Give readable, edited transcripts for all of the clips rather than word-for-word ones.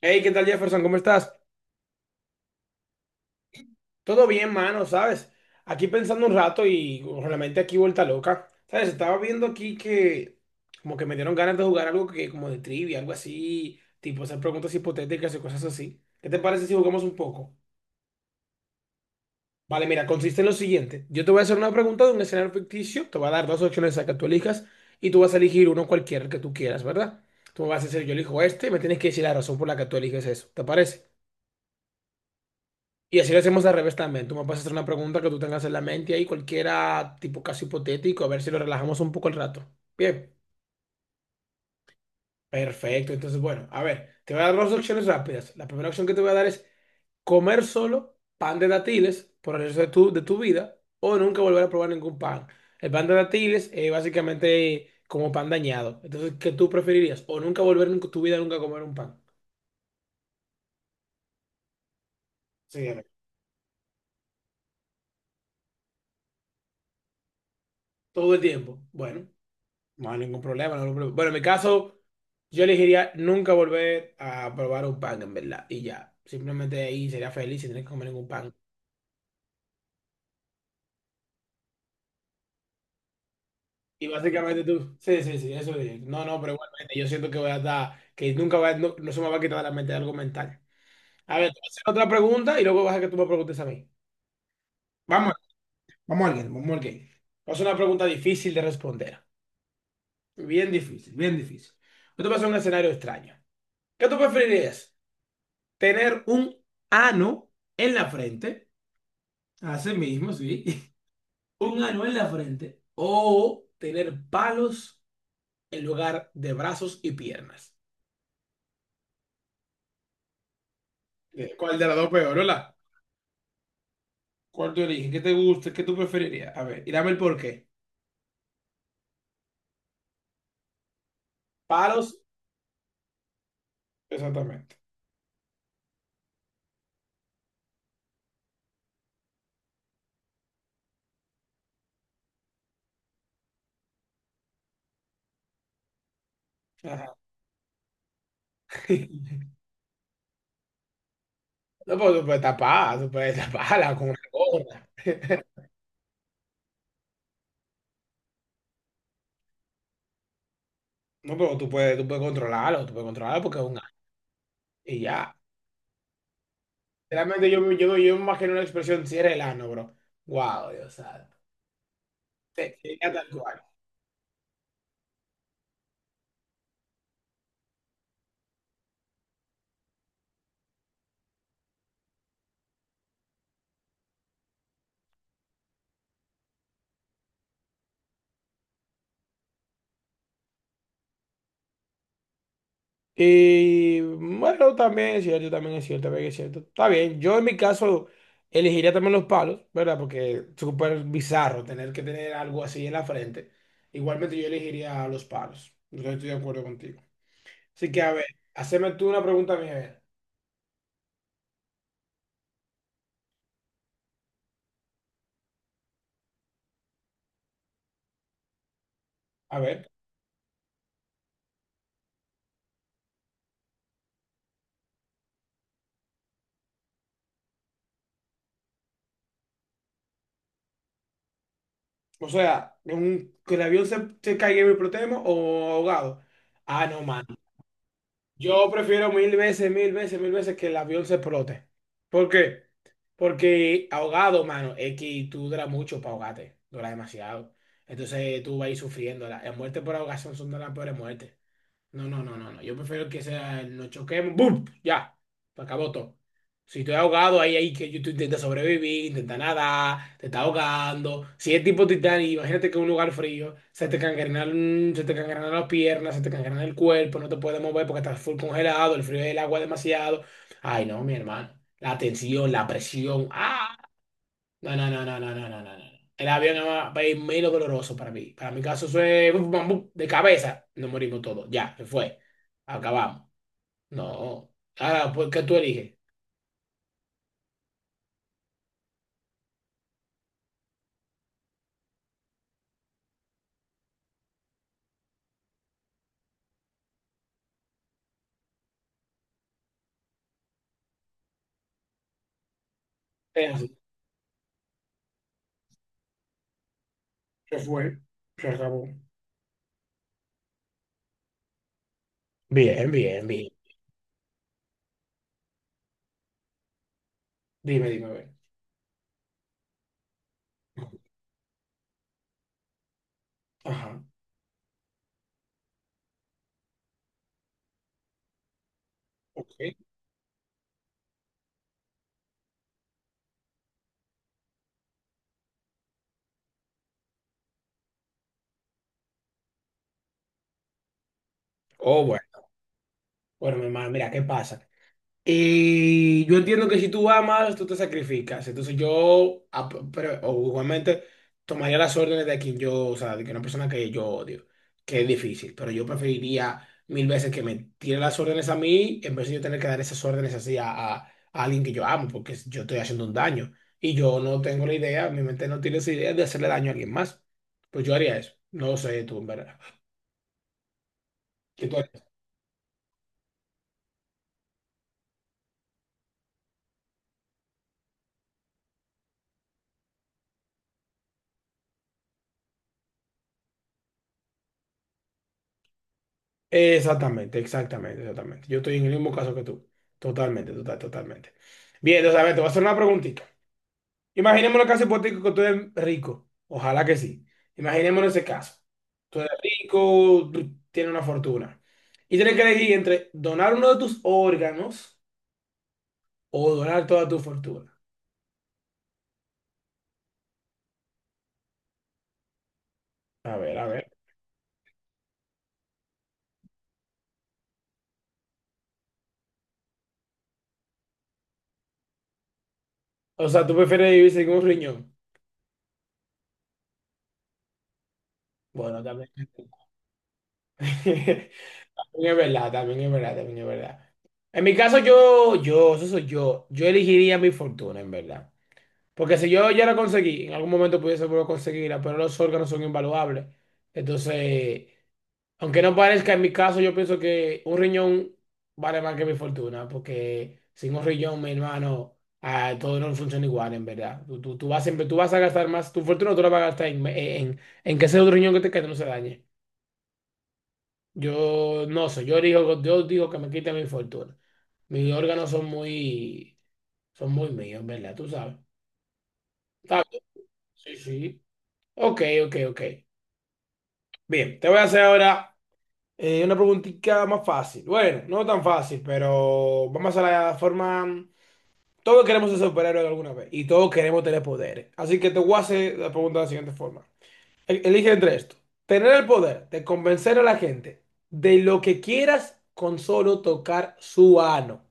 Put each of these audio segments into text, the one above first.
Hey, ¿qué tal Jefferson? ¿Cómo estás? Todo bien, mano, ¿sabes? Aquí pensando un rato y realmente aquí vuelta loca. ¿Sabes? Estaba viendo aquí que como que me dieron ganas de jugar algo que como de trivia, algo así, tipo hacer preguntas hipotéticas y cosas así. ¿Qué te parece si jugamos un poco? Vale, mira, consiste en lo siguiente. Yo te voy a hacer una pregunta de un escenario ficticio, te voy a dar dos opciones a que tú elijas y tú vas a elegir uno cualquiera que tú quieras, ¿verdad? Tú me vas a decir, yo elijo este y me tienes que decir la razón por la que tú eliges eso. ¿Te parece? Y así lo hacemos al revés también. Tú me puedes hacer una pregunta que tú tengas en la mente ahí, cualquiera tipo casi hipotético, a ver si lo relajamos un poco el rato. Bien, perfecto. Entonces, bueno, a ver, te voy a dar dos opciones rápidas. La primera opción que te voy a dar es comer solo pan de dátiles por el resto de tu vida o nunca volver a probar ningún pan. El pan de dátiles es básicamente como pan dañado. Entonces, ¿qué tú preferirías? O nunca volver en tu vida nunca a comer un pan. Sí, todo el tiempo. Bueno. No hay ningún problema, no hay ningún problema. Bueno, en mi caso, yo elegiría nunca volver a probar un pan, en verdad. Y ya, simplemente ahí sería feliz sin tener que comer ningún pan. Y básicamente tú, sí, sí, sí, eso sí. No, no, pero igualmente yo siento que voy a estar, que nunca va, no, no se me va a quitar de la mente algo mental. A ver, te voy a hacer otra pregunta y luego vas a que tú me preguntes a mí. Vamos, vamos a alguien, vamos a alguien. Es una pregunta difícil de responder. Bien difícil, bien difícil. Yo te voy a hacer un escenario extraño. ¿Qué tú preferirías? Tener un ano en la frente, así mismo, sí, un ano en la frente, o tener palos en lugar de brazos y piernas. ¿Cuál de las dos peor, hola? ¿Cuál te origen? ¿Qué te gusta? ¿Qué tú preferirías? A ver, y dame el porqué. Palos, exactamente. Ajá. No, pero tú puedes tapar, tú puedes taparla con una gorra. No, pero tú puedes controlarlo porque es un ano. Y ya. Realmente yo me imagino una expresión, cierra el ano, bro. Wow, Dios santo. Te queda tal cual. Y bueno, también es cierto, también es cierto, también es cierto. Está bien, yo en mi caso elegiría también los palos, ¿verdad? Porque es súper bizarro tener que tener algo así en la frente. Igualmente yo elegiría los palos. Yo estoy de acuerdo contigo. Así que a ver, haceme tú una pregunta a mí, a ver. A ver, o sea, que el avión se caiga y me explotemos o ahogado. Ah, no, man. Yo prefiero mil veces, mil veces, mil veces que el avión se explote. ¿Por qué? Porque ahogado, mano, es que tú duras mucho para ahogarte, dura demasiado. Entonces tú vas a ir sufriendo. La muerte por ahogación son de las peores muertes. No, no, no, no, no. Yo prefiero que sea, el nos choquemos, ¡boom! Ya, se acabó todo. Si estoy ahogado, ahí que tú intentas sobrevivir, intentas nadar, te está ahogando. Si es tipo Titanic, imagínate que en un lugar frío se te cangrenan las piernas, se te cangrena el cuerpo, no te puedes mover porque estás full congelado, el frío del agua es demasiado. Ay, no, mi hermano. La tensión, la presión. ¡Ah! No, no, no, no, no, no, no, no, no. El avión no va a ir menos doloroso para mí. Para mi caso fue bum, bum, bum, de cabeza. Nos morimos todos. Ya, se fue. Acabamos. No. Ahora, pues, ¿qué tú eliges? Es así. Se fue, se acabó. Bien, bien, bien. Dime, dime, a ver. Ajá, ok. Oh, bueno. Bueno, mi hermano, mira, ¿qué pasa? Y yo entiendo que si tú amas, tú te sacrificas. O igualmente, tomaría las órdenes de quien yo, o sea, de que una persona que yo odio, que es difícil, pero yo preferiría mil veces que me tire las órdenes a mí en vez de yo tener que dar esas órdenes así a alguien que yo amo, porque yo estoy haciendo un daño. Y yo no tengo la idea, mi mente no tiene esa idea de hacerle daño a alguien más. Pues yo haría eso. No sé tú, en verdad. ¿Qué tú harías? Exactamente, exactamente, exactamente. Yo estoy en el mismo caso que tú. Totalmente, total, totalmente. Bien, entonces, a ver, te voy a hacer una preguntita. Imaginémonos el caso hipotético que tú eres rico. Ojalá que sí. Imaginémonos ese caso. Tú eres rico, tú tienes una fortuna. Y tienes que elegir entre donar uno de tus órganos o donar toda tu fortuna. A ver, a ver. O sea, ¿tú prefieres vivir sin un riñón? Bueno, también. También es verdad, también es verdad, también es verdad. En mi caso, eso soy yo, yo elegiría mi fortuna, en verdad. Porque si yo ya la conseguí, en algún momento pudiese volver a conseguirla, pero los órganos son invaluables. Entonces, aunque no parezca, en mi caso, yo pienso que un riñón vale más que mi fortuna, porque sin un riñón, mi hermano, ah, todo no funciona igual, en verdad. Tú vas siempre, tú vas a gastar más, tu fortuna tú la vas a gastar en que ese otro riñón que te quede no se dañe. Yo no sé, yo digo que me quiten mi fortuna. Mis órganos son muy míos, ¿verdad? Tú sabes. Está bien, sí, sí. Ok, ok, ok. Bien, te voy a hacer ahora una preguntita más fácil. Bueno, no tan fácil, pero vamos a la forma. Todos queremos ser superhéroes alguna vez y todos queremos tener poderes. Así que te voy a hacer la pregunta de la siguiente forma. Elige entre esto. Tener el poder de convencer a la gente de lo que quieras con solo tocar su ano.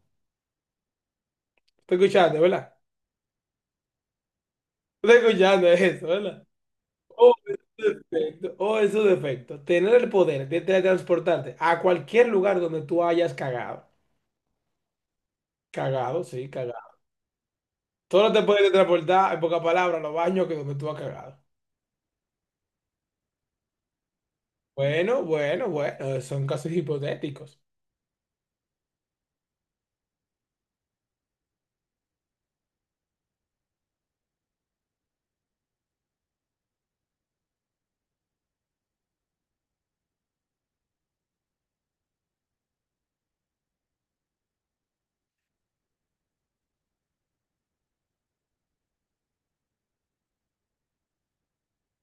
Está escuchando, ¿verdad? Está escuchando eso, ¿verdad? Oh, esos defectos, oh, esos defecto. Tener el poder de transportarte a cualquier lugar donde tú hayas cagado. Cagado, sí, cagado. Tú no te puedes transportar, en pocas palabras, a los baños que donde tú has cagado. Bueno, bueno, bueno, son casos hipotéticos.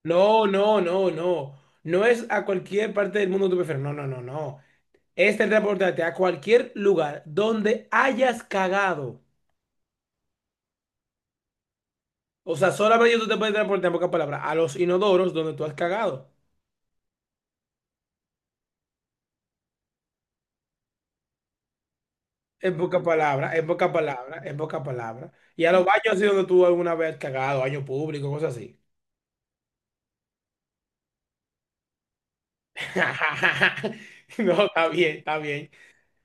No, no, no, no. No es a cualquier parte del mundo que tú prefieres. No, no, no, no. Es transportarte a cualquier lugar donde hayas cagado. O sea, solamente tú te puedes transportar en pocas palabras a los inodoros donde tú has cagado. En pocas palabras, en pocas palabras, en pocas palabras. Y a los baños así donde tú alguna vez has cagado, baño público, cosas así. No, está bien, está bien.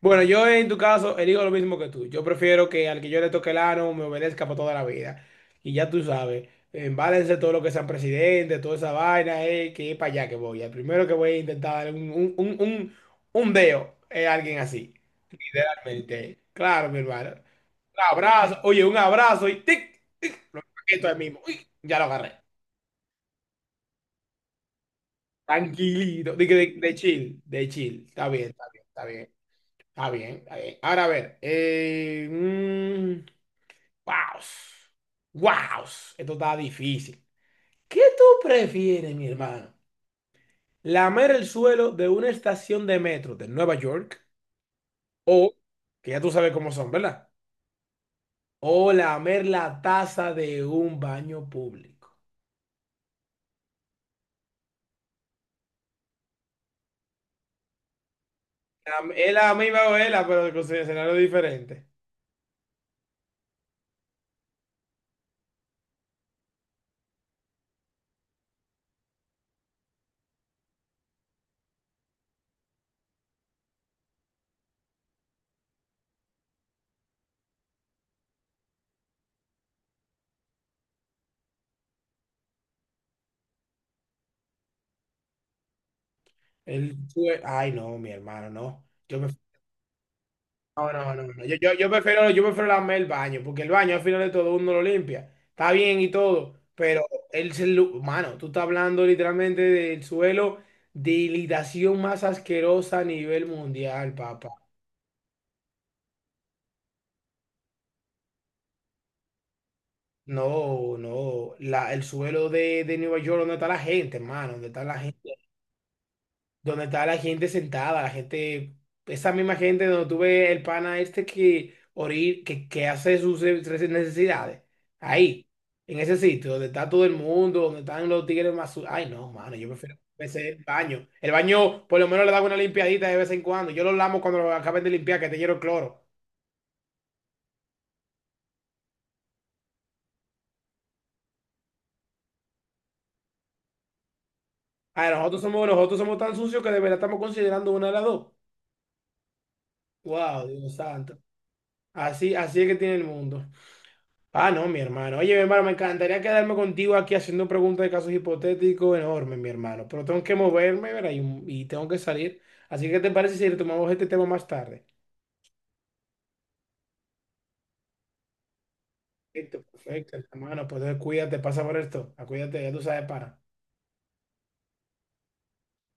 Bueno, yo en tu caso elijo lo mismo que tú. Yo prefiero que al que yo le toque el ano me obedezca para toda la vida. Y ya tú sabes, embálense todo lo que sean presidente, toda esa vaina, que es para allá que voy. El primero que voy a intentar darle un deo es alguien así. Realmente. Claro, mi hermano. Un abrazo. Oye, un abrazo y tic, tic. Lo esto ahí mismo. Uy, ya lo agarré. Tranquilito. De chill, de chill. Está bien, está bien, está bien. Está bien, está bien. Ahora a ver. Guaos. Guaos. Esto está difícil. ¿Qué tú prefieres, mi hermano? ¿Lamer el suelo de una estación de metro de Nueva York? O, que ya tú sabes cómo son, ¿verdad? O lamer la taza de un baño público. Es la misma novela, pero con su escenario diferente. Ay, no, mi hermano, no. Yo me... No, no, no, no. Yo prefiero lamer el baño, porque el baño al final de todo uno lo limpia. Está bien y todo, pero mano, tú estás hablando literalmente del suelo de hidratación más asquerosa a nivel mundial, papá. No, no. La, el suelo de Nueva York, donde está la gente, hermano, donde está la gente. Donde estaba la gente sentada, la gente, esa misma gente donde tuve el pana este que orir, que hace sus necesidades. Ahí, en ese sitio, donde está todo el mundo, donde están los tigres más su- Ay, no, mano, yo prefiero ese baño. El baño, por lo menos le da una limpiadita de vez en cuando. Yo lo lamo cuando lo acaben de limpiar, que te lleno el cloro. Ah ver, nosotros somos tan sucios que de verdad estamos considerando una de las dos. Wow, Dios santo. Así, así es que tiene el mundo. Ah, no, mi hermano. Oye, mi hermano, me encantaría quedarme contigo aquí haciendo preguntas de casos hipotéticos enormes, mi hermano. Pero tengo que moverme, ¿verdad? Y tengo que salir. Así que, ¿te parece si retomamos este tema más tarde? Perfecto, perfecto, hermano. Pues entonces, cuídate, pasa por esto. Acuídate, ya tú sabes, para.